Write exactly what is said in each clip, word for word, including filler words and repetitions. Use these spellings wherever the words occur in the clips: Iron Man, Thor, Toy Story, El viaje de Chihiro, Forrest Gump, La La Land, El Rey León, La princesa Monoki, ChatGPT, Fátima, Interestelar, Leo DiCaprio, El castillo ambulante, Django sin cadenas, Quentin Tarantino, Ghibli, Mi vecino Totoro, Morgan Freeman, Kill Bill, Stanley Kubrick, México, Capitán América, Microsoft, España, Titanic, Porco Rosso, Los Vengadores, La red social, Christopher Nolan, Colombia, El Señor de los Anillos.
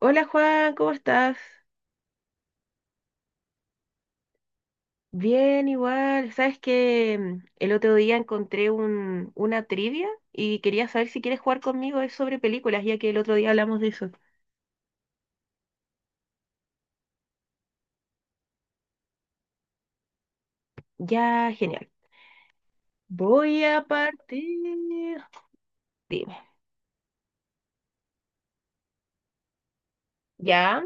Hola Juan, ¿cómo estás? Bien, igual. Sabes que el otro día encontré un, una trivia y quería saber si quieres jugar conmigo. Es sobre películas, ya que el otro día hablamos de eso. Ya, genial. Voy a partir. Dime. Ya,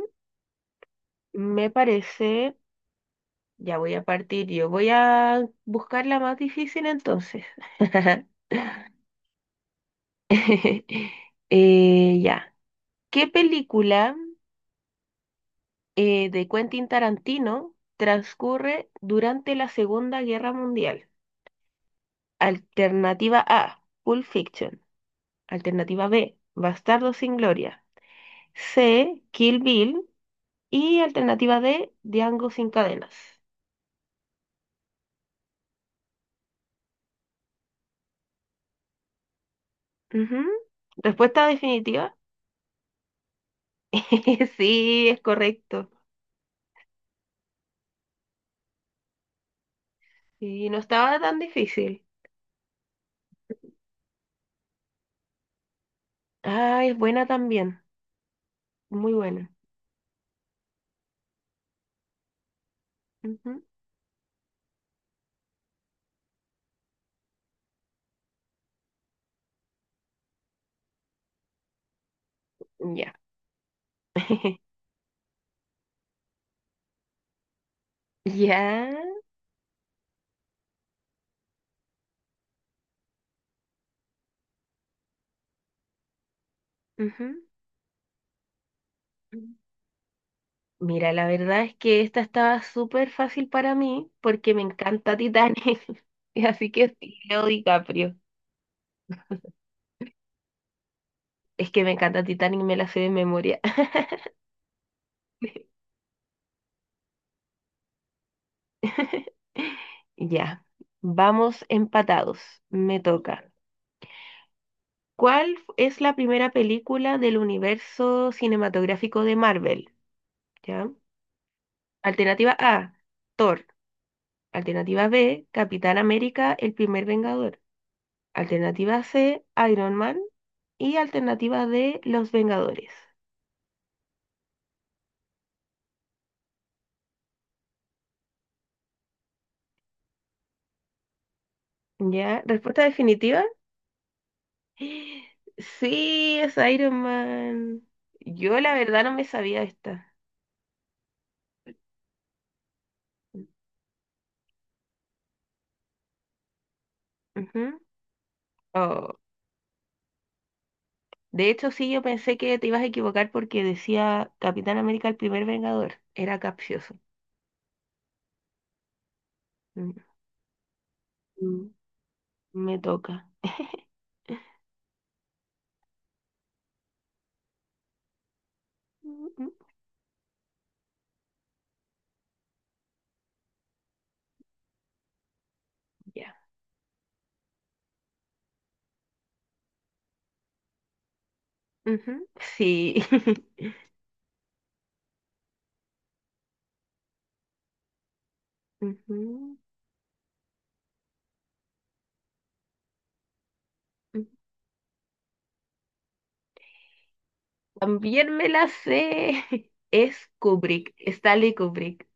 me parece. Ya voy a partir yo. Voy a buscar la más difícil entonces. Eh, ya. ¿Qué película? eh, de Quentin Tarantino transcurre durante la Segunda Guerra Mundial. Alternativa A, Pulp Fiction. Alternativa B, Bastardo sin Gloria. C, Kill Bill. Y alternativa D, Django sin cadenas. Ujú. Respuesta definitiva. Sí, es correcto. Y no estaba tan difícil. Ah, es buena también. Muy buena. Ujú. Ya. Ya. Ujú. Mira, la verdad es que esta estaba súper fácil para mí porque me encanta Titanic. Y así que sí, Leo DiCaprio. Es que me encanta Titanic, me la sé de memoria. Ya, vamos empatados. Me toca. ¿Cuál es la primera película del universo cinematográfico de Marvel? ¿Ya? Alternativa A, Thor. Alternativa B, Capitán América, el primer Vengador. Alternativa C, Iron Man. Y alternativa D, Los Vengadores. ¿Ya? ¿Respuesta definitiva? Sí, es Iron Man. Yo la verdad no me sabía esta. Ujú. Oh, de hecho, sí, yo pensé que te ibas a equivocar porque decía Capitán América el primer Vengador. Era capcioso. Mm, mm, Me toca. Mm, mm, Ya. Ujú, sí. Ujú, ujú. También me la sé. Es Kubrick, Stanley Kubrick.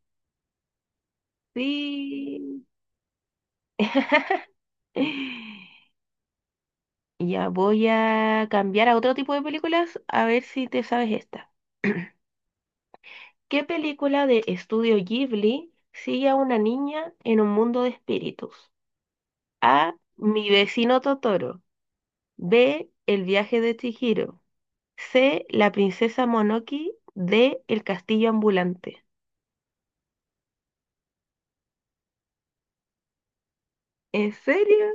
Sí. Ya voy a cambiar a otro tipo de películas a ver si te sabes esta. ¿Qué película de estudio Ghibli sigue a una niña en un mundo de espíritus? A. Mi vecino Totoro. B. El viaje de Chihiro. C. La princesa Monoki. D. El castillo ambulante. ¿En serio?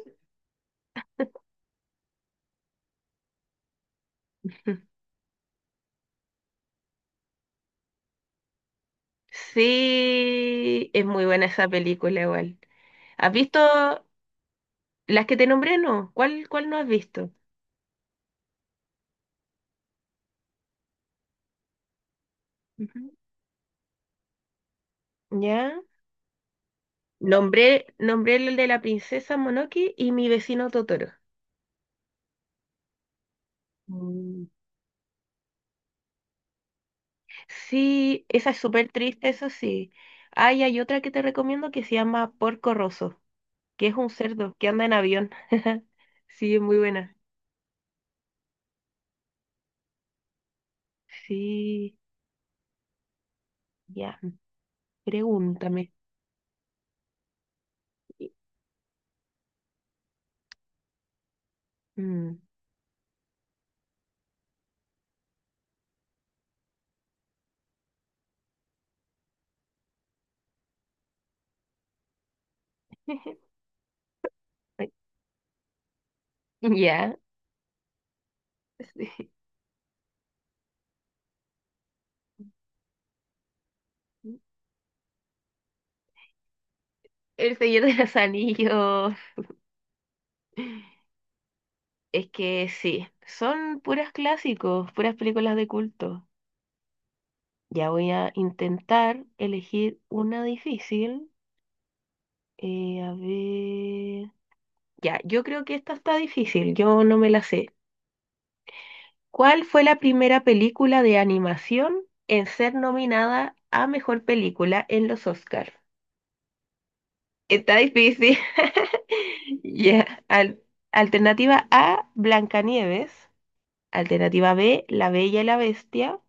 Sí, es muy buena esa película igual. ¿Has visto las que te nombré? No. ¿Cuál, cuál no has visto? Ujú. ¿Ya? Nombré, nombré el de la princesa Monoki y mi vecino Totoro. Mm. Sí, esa es súper triste, eso sí. Ay, hay otra que te recomiendo que se llama Porco Rosso, que es un cerdo que anda en avión. Sí, es muy buena. Sí, ya, pregúntame. Mm. Ya, sí. El Señor de los Anillos. Es que sí, son puras clásicos, puras películas de culto. Ya voy a intentar elegir una difícil. Eh, a ver. Ya, yo creo que esta está difícil, yo no me la sé. ¿Cuál fue la primera película de animación en ser nominada a mejor película en los Oscars? Está difícil. Ya, al- Alternativa A, Blancanieves. Alternativa B, La Bella y la Bestia.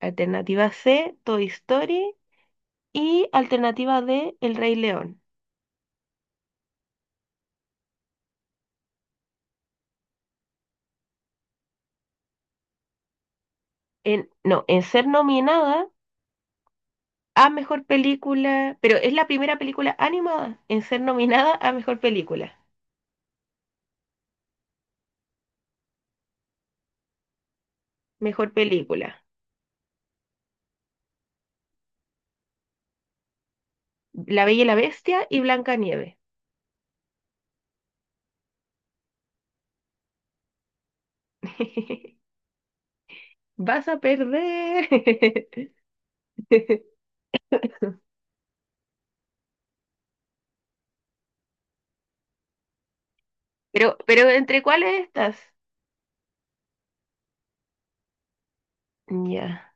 Alternativa C, Toy Story. Y alternativa D, El Rey León. en, no, en ser nominada a mejor película, pero es la primera película animada en ser nominada a mejor película. Mejor película. La Bella y la Bestia y Blancanieves. Vas a perder. Pero, pero ¿entre cuáles estás? Ya.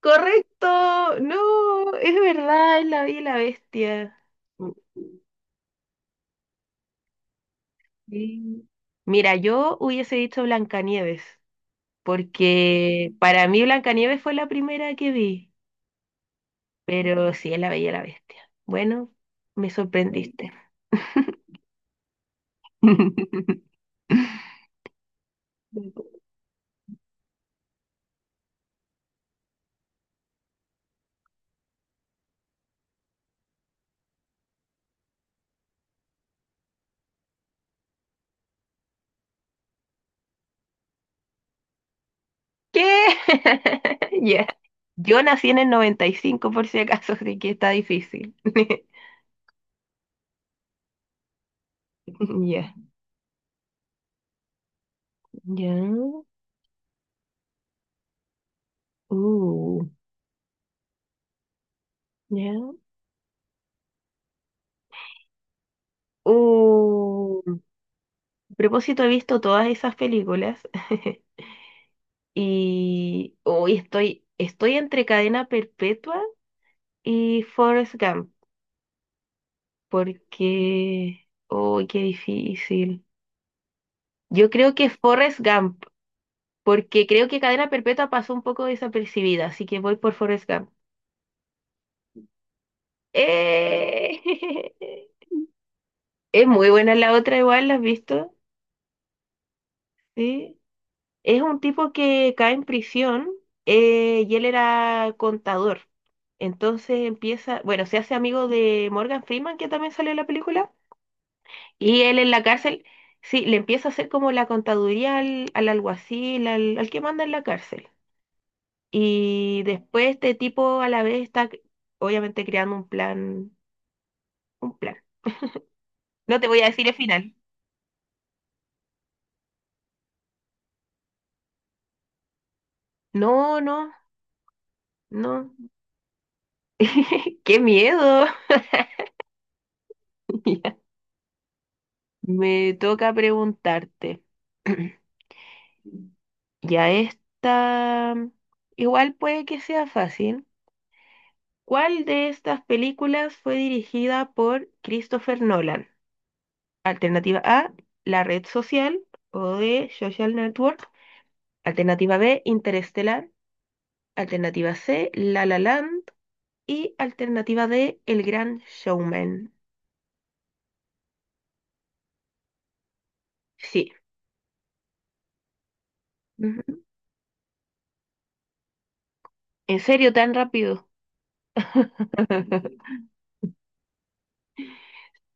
Correcto. No, es verdad, es La Bella y la Bestia. Mm, sí. Mira, yo hubiese dicho Blancanieves, porque para mí Blancanieves fue la primera que vi, pero sí es La Bella y la Bestia. Bueno, me sorprendiste. ¿Qué? Ya. Yo nací en el noventa y cinco por si acaso, así que está difícil. Ya, ya. Uh, ya. Uh. A propósito, he visto todas esas películas. Y hoy estoy, estoy entre Cadena Perpetua y Forrest Gump, porque... ¡Uy, qué difícil! Yo creo que Forrest Gump, porque creo que Cadena Perpetua pasó un poco desapercibida, así que voy por Forrest Gump. ¡Eh! Es muy buena la otra igual, ¿la has visto? Sí. Es un tipo que cae en prisión, eh, y él era contador. Entonces empieza, bueno, se hace amigo de Morgan Freeman, que también salió en la película. Y él en la cárcel, sí, le empieza a hacer como la contaduría al, al alguacil, al, al que manda en la cárcel. Y después este tipo a la vez está c- obviamente creando un plan, un plan. No te voy a decir el final. No, no, no. ¡Qué miedo! Ya. Me toca preguntarte. Ya esta, igual puede que sea fácil. ¿Cuál de estas películas fue dirigida por Christopher Nolan? Alternativa A, la red social o de social network. Alternativa B, Interestelar. Alternativa C, La La Land. Y alternativa D, El Gran Showman. Sí. Ujú. ¿En serio tan rápido?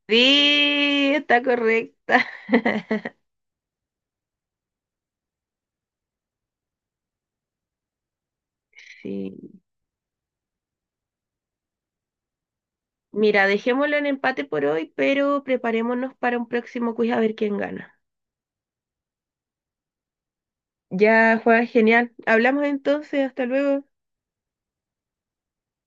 Sí, está correcta. Sí. Mira, dejémoslo en empate por hoy, pero preparémonos para un próximo quiz a ver quién gana. Ya, Juan, genial. Hablamos entonces, hasta luego.